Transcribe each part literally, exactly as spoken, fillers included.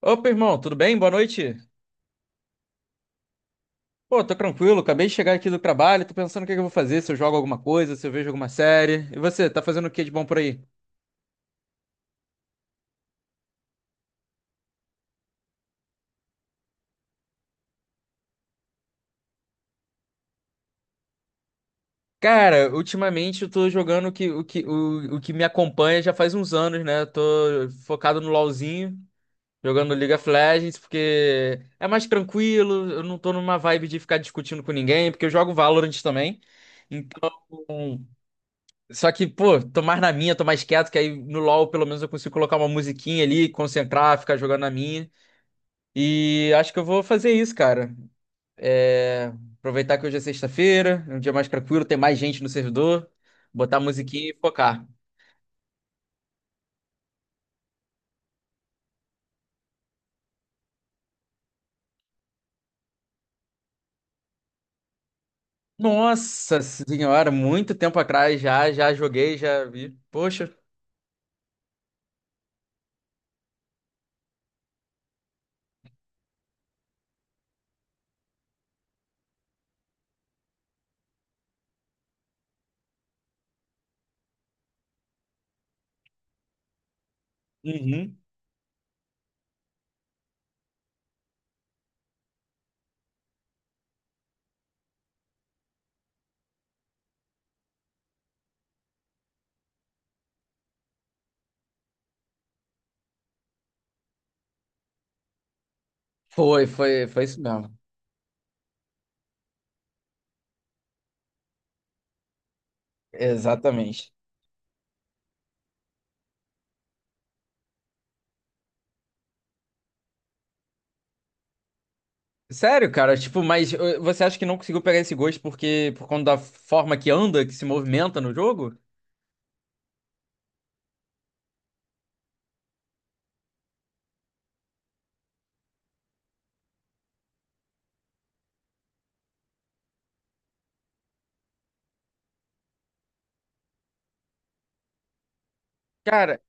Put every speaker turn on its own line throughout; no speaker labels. Opa, irmão, tudo bem? Boa noite. Pô, tô tranquilo, acabei de chegar aqui do trabalho, tô pensando o que que eu vou fazer, se eu jogo alguma coisa, se eu vejo alguma série. E você, tá fazendo o que de bom por aí? Cara, ultimamente eu tô jogando o que, o que, o, o que me acompanha já faz uns anos, né? Eu tô focado no LoLzinho, jogando League of Legends, porque é mais tranquilo, eu não tô numa vibe de ficar discutindo com ninguém, porque eu jogo Valorant também. Então, só que, pô, tô mais na minha, tô mais quieto, que aí no LoL pelo menos eu consigo colocar uma musiquinha ali, concentrar, ficar jogando na minha. E acho que eu vou fazer isso, cara. É, Aproveitar que hoje é sexta-feira, é um dia mais tranquilo, tem mais gente no servidor, botar a musiquinha e focar. Nossa senhora, muito tempo atrás já, já joguei, já vi. Poxa. Uhum. Foi, foi, foi isso mesmo. Exatamente. Sério, cara, tipo, mas eh, você acha que não conseguiu pegar esse gosto porque por conta da forma que anda, que se movimenta no jogo? Cara,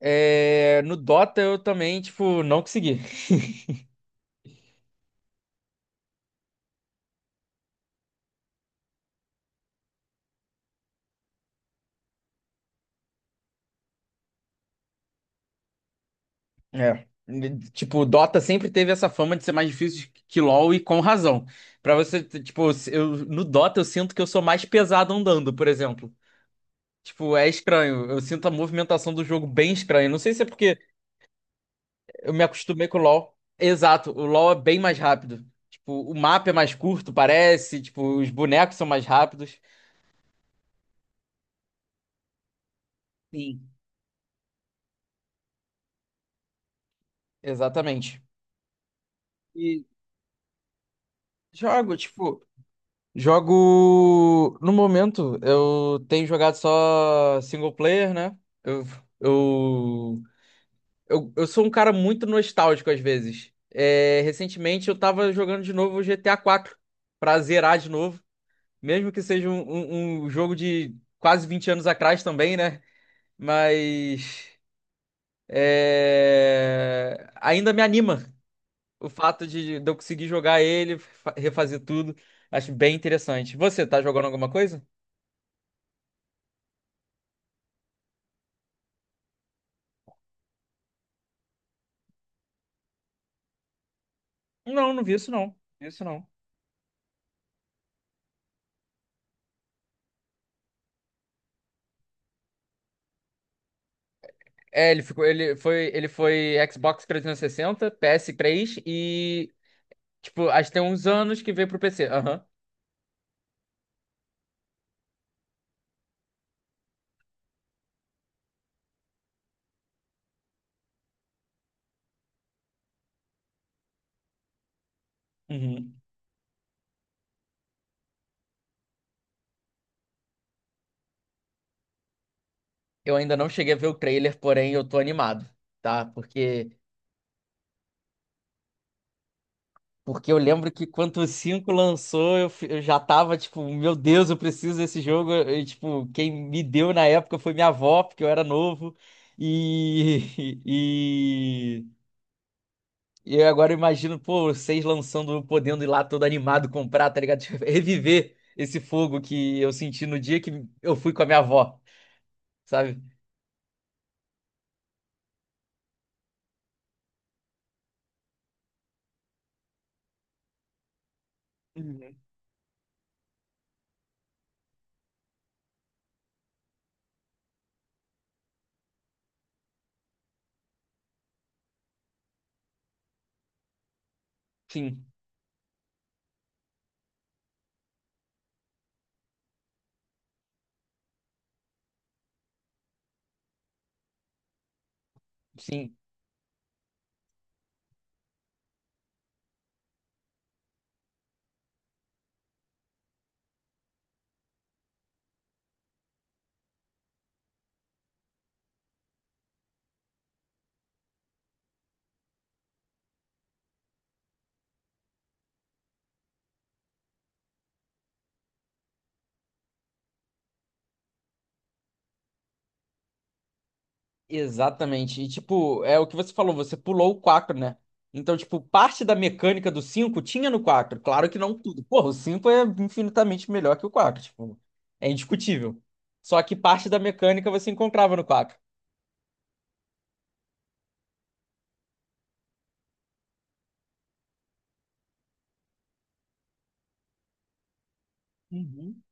é, no Dota eu também, tipo, não consegui. É. Tipo, o Dota sempre teve essa fama de ser mais difícil que LoL e com razão. Pra você, t- tipo, eu, no Dota eu sinto que eu sou mais pesado andando, por exemplo. Tipo, é estranho. Eu sinto a movimentação do jogo bem estranha. Não sei se é porque eu me acostumei com o LoL. Exato, o LoL é bem mais rápido. Tipo, o mapa é mais curto, parece. Tipo, os bonecos são mais rápidos. Sim. Exatamente. E jogo, tipo, jogo. No momento, eu tenho jogado só single player, né? Eu, eu, eu, eu sou um cara muito nostálgico às vezes. É, recentemente eu tava jogando de novo o G T A quatro pra zerar de novo. Mesmo que seja um, um, um jogo de quase vinte anos atrás também, né? Mas é, ainda me anima o fato de, de eu conseguir jogar ele, fa- refazer tudo. Acho bem interessante. Você tá jogando alguma coisa? Não, não vi isso não. Vi isso não. É, ele ficou, ele foi, ele foi Xbox trezentos e sessenta, P S três e tipo, acho que tem uns anos que veio pro P C. Aham. Uhum. Eu ainda não cheguei a ver o trailer, porém eu tô animado, tá? Porque porque eu lembro que quando o cinco lançou, eu, fi- eu já tava tipo, meu Deus, eu preciso desse jogo. E, tipo, quem me deu na época foi minha avó, porque eu era novo. E, e, e eu agora imagino, pô, vocês lançando, eu podendo ir lá todo animado comprar, tá ligado? Tipo, reviver esse fogo que eu senti no dia que eu fui com a minha avó, sabe? Uhum. Sim, sim. Exatamente. E, tipo, é o que você falou, você pulou o quatro, né? Então, tipo, parte da mecânica do cinco tinha no quatro. Claro que não tudo. Porra, o cinco é infinitamente melhor que o quatro. Tipo, é indiscutível. Só que parte da mecânica você encontrava no quatro. Uhum.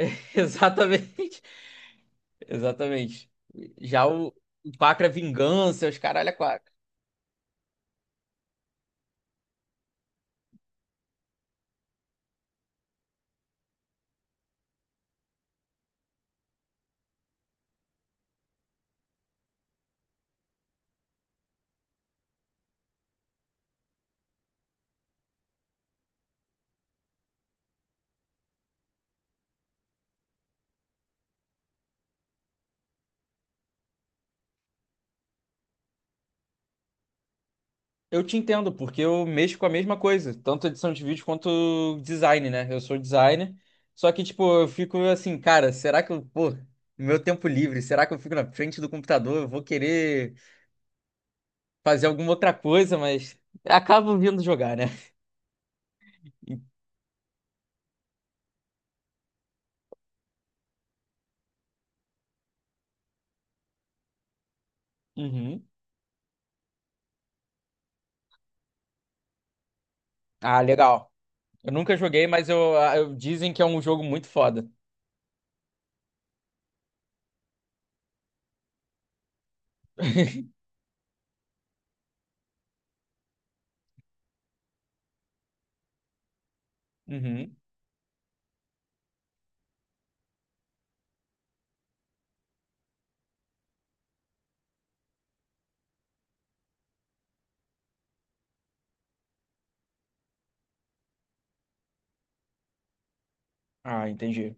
Exatamente. Exatamente. Já o, o quatro é vingança, os caralho é quatro. Eu te entendo, porque eu mexo com a mesma coisa, tanto edição de vídeo quanto design, né? Eu sou designer, só que, tipo, eu fico assim, cara, será que eu, pô, no meu tempo livre, será que eu fico na frente do computador? Eu vou querer fazer alguma outra coisa, mas acabo vindo jogar, né? Uhum. Ah, legal. Eu nunca joguei, mas eu, eu- dizem que é um jogo muito foda. Uhum. Ah, entendi.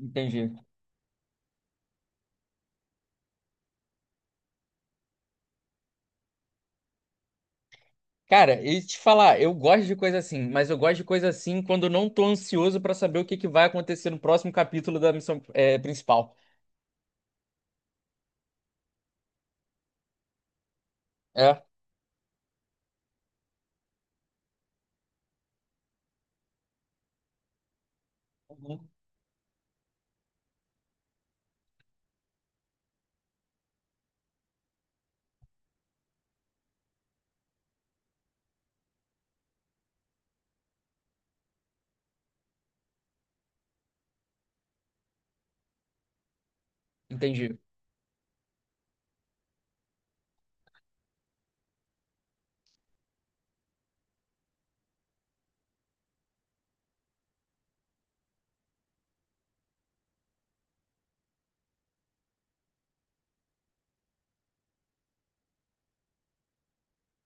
Entendi. Cara, e te falar, eu gosto de coisa assim, mas eu gosto de coisa assim quando eu não tô ansioso pra saber o que que vai acontecer no próximo capítulo da missão é, principal. É? Uhum. Entendi.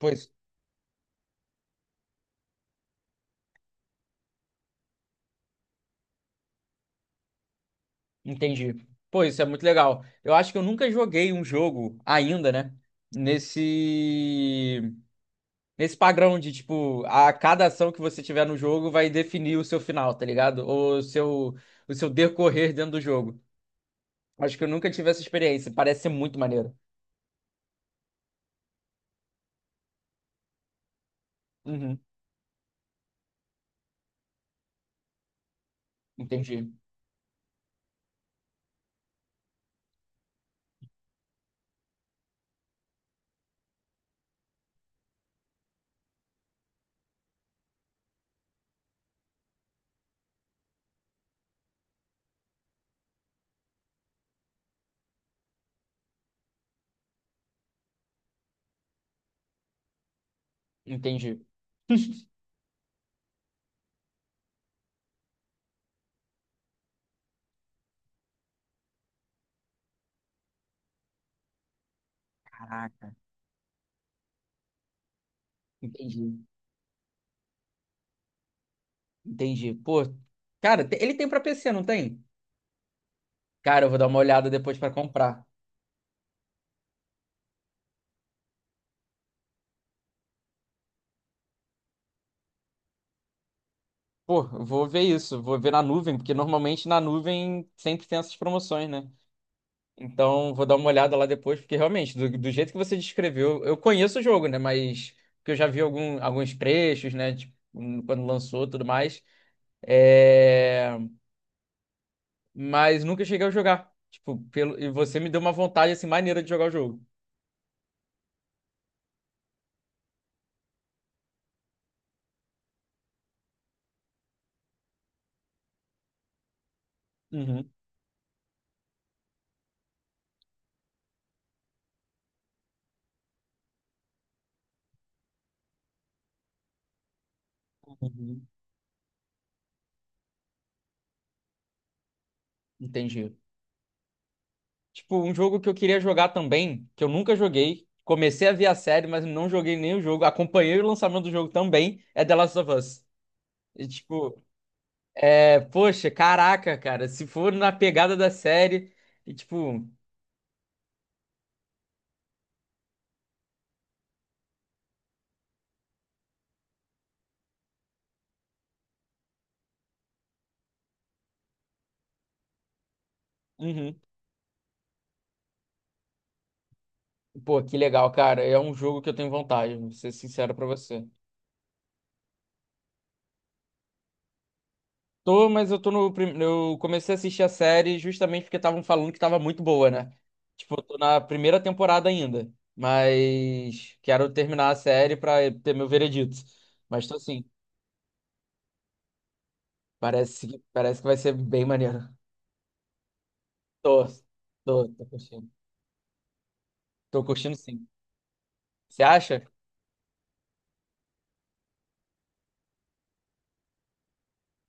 Pois, entendi. Pô, isso é muito legal. Eu acho que eu nunca joguei um jogo ainda, né? Nesse nesse padrão de tipo, a cada ação que você tiver no jogo vai definir o seu final, tá ligado? Ou o seu, o seu decorrer dentro do jogo. Acho que eu nunca tive essa experiência. Parece ser muito maneiro. Uhum. Entendi. Entendi. Caraca, entendi. Entendi. Pô, cara, te- ele tem pra P C, não tem? Cara, eu vou dar uma olhada depois pra comprar. Pô, eu vou ver isso, vou ver na nuvem, porque normalmente na nuvem sempre tem essas promoções, né? Então, vou dar uma olhada lá depois, porque realmente, do, do jeito que você descreveu, eu conheço o jogo, né? Mas porque eu já vi algum, alguns trechos, né? Tipo, hum, quando lançou e tudo mais. É... mas nunca cheguei a jogar. Tipo, pelo... e você me deu uma vontade assim maneira de jogar o jogo. Uhum. Entendi. Tipo, um jogo que eu queria jogar também, que eu nunca joguei. Comecei a ver a série, mas não joguei nem o jogo. Acompanhei o lançamento do jogo também, é The Last of Us. E, tipo, é, poxa, caraca, cara, se for na pegada da série, e tipo, uhum. Pô, que legal, cara. É um jogo que eu tenho vontade, vou ser sincero pra você. Tô, mas eu tô no. prim- Eu comecei a assistir a série justamente porque estavam falando que tava muito boa, né? Tipo, eu tô na primeira temporada ainda. Mas quero terminar a série pra ter meu veredito. Mas tô assim, parece, que- parece que vai ser bem maneiro. Tô, tô, tô curtindo. Tô curtindo sim. Você acha?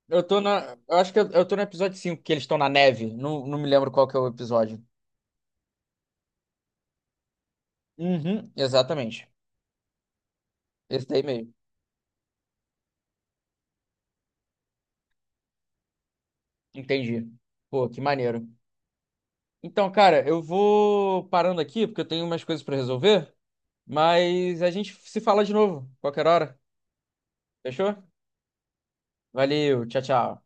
Eu tô na. Eu acho que eu, eu tô no episódio cinco que eles estão na neve. Não, não me lembro qual que é o episódio. Uhum, exatamente. Esse daí mesmo. Entendi. Pô, que maneiro. Então, cara, eu vou parando aqui porque eu tenho umas coisas pra resolver, mas a gente se fala de novo, qualquer hora. Fechou? Valeu, tchau, tchau.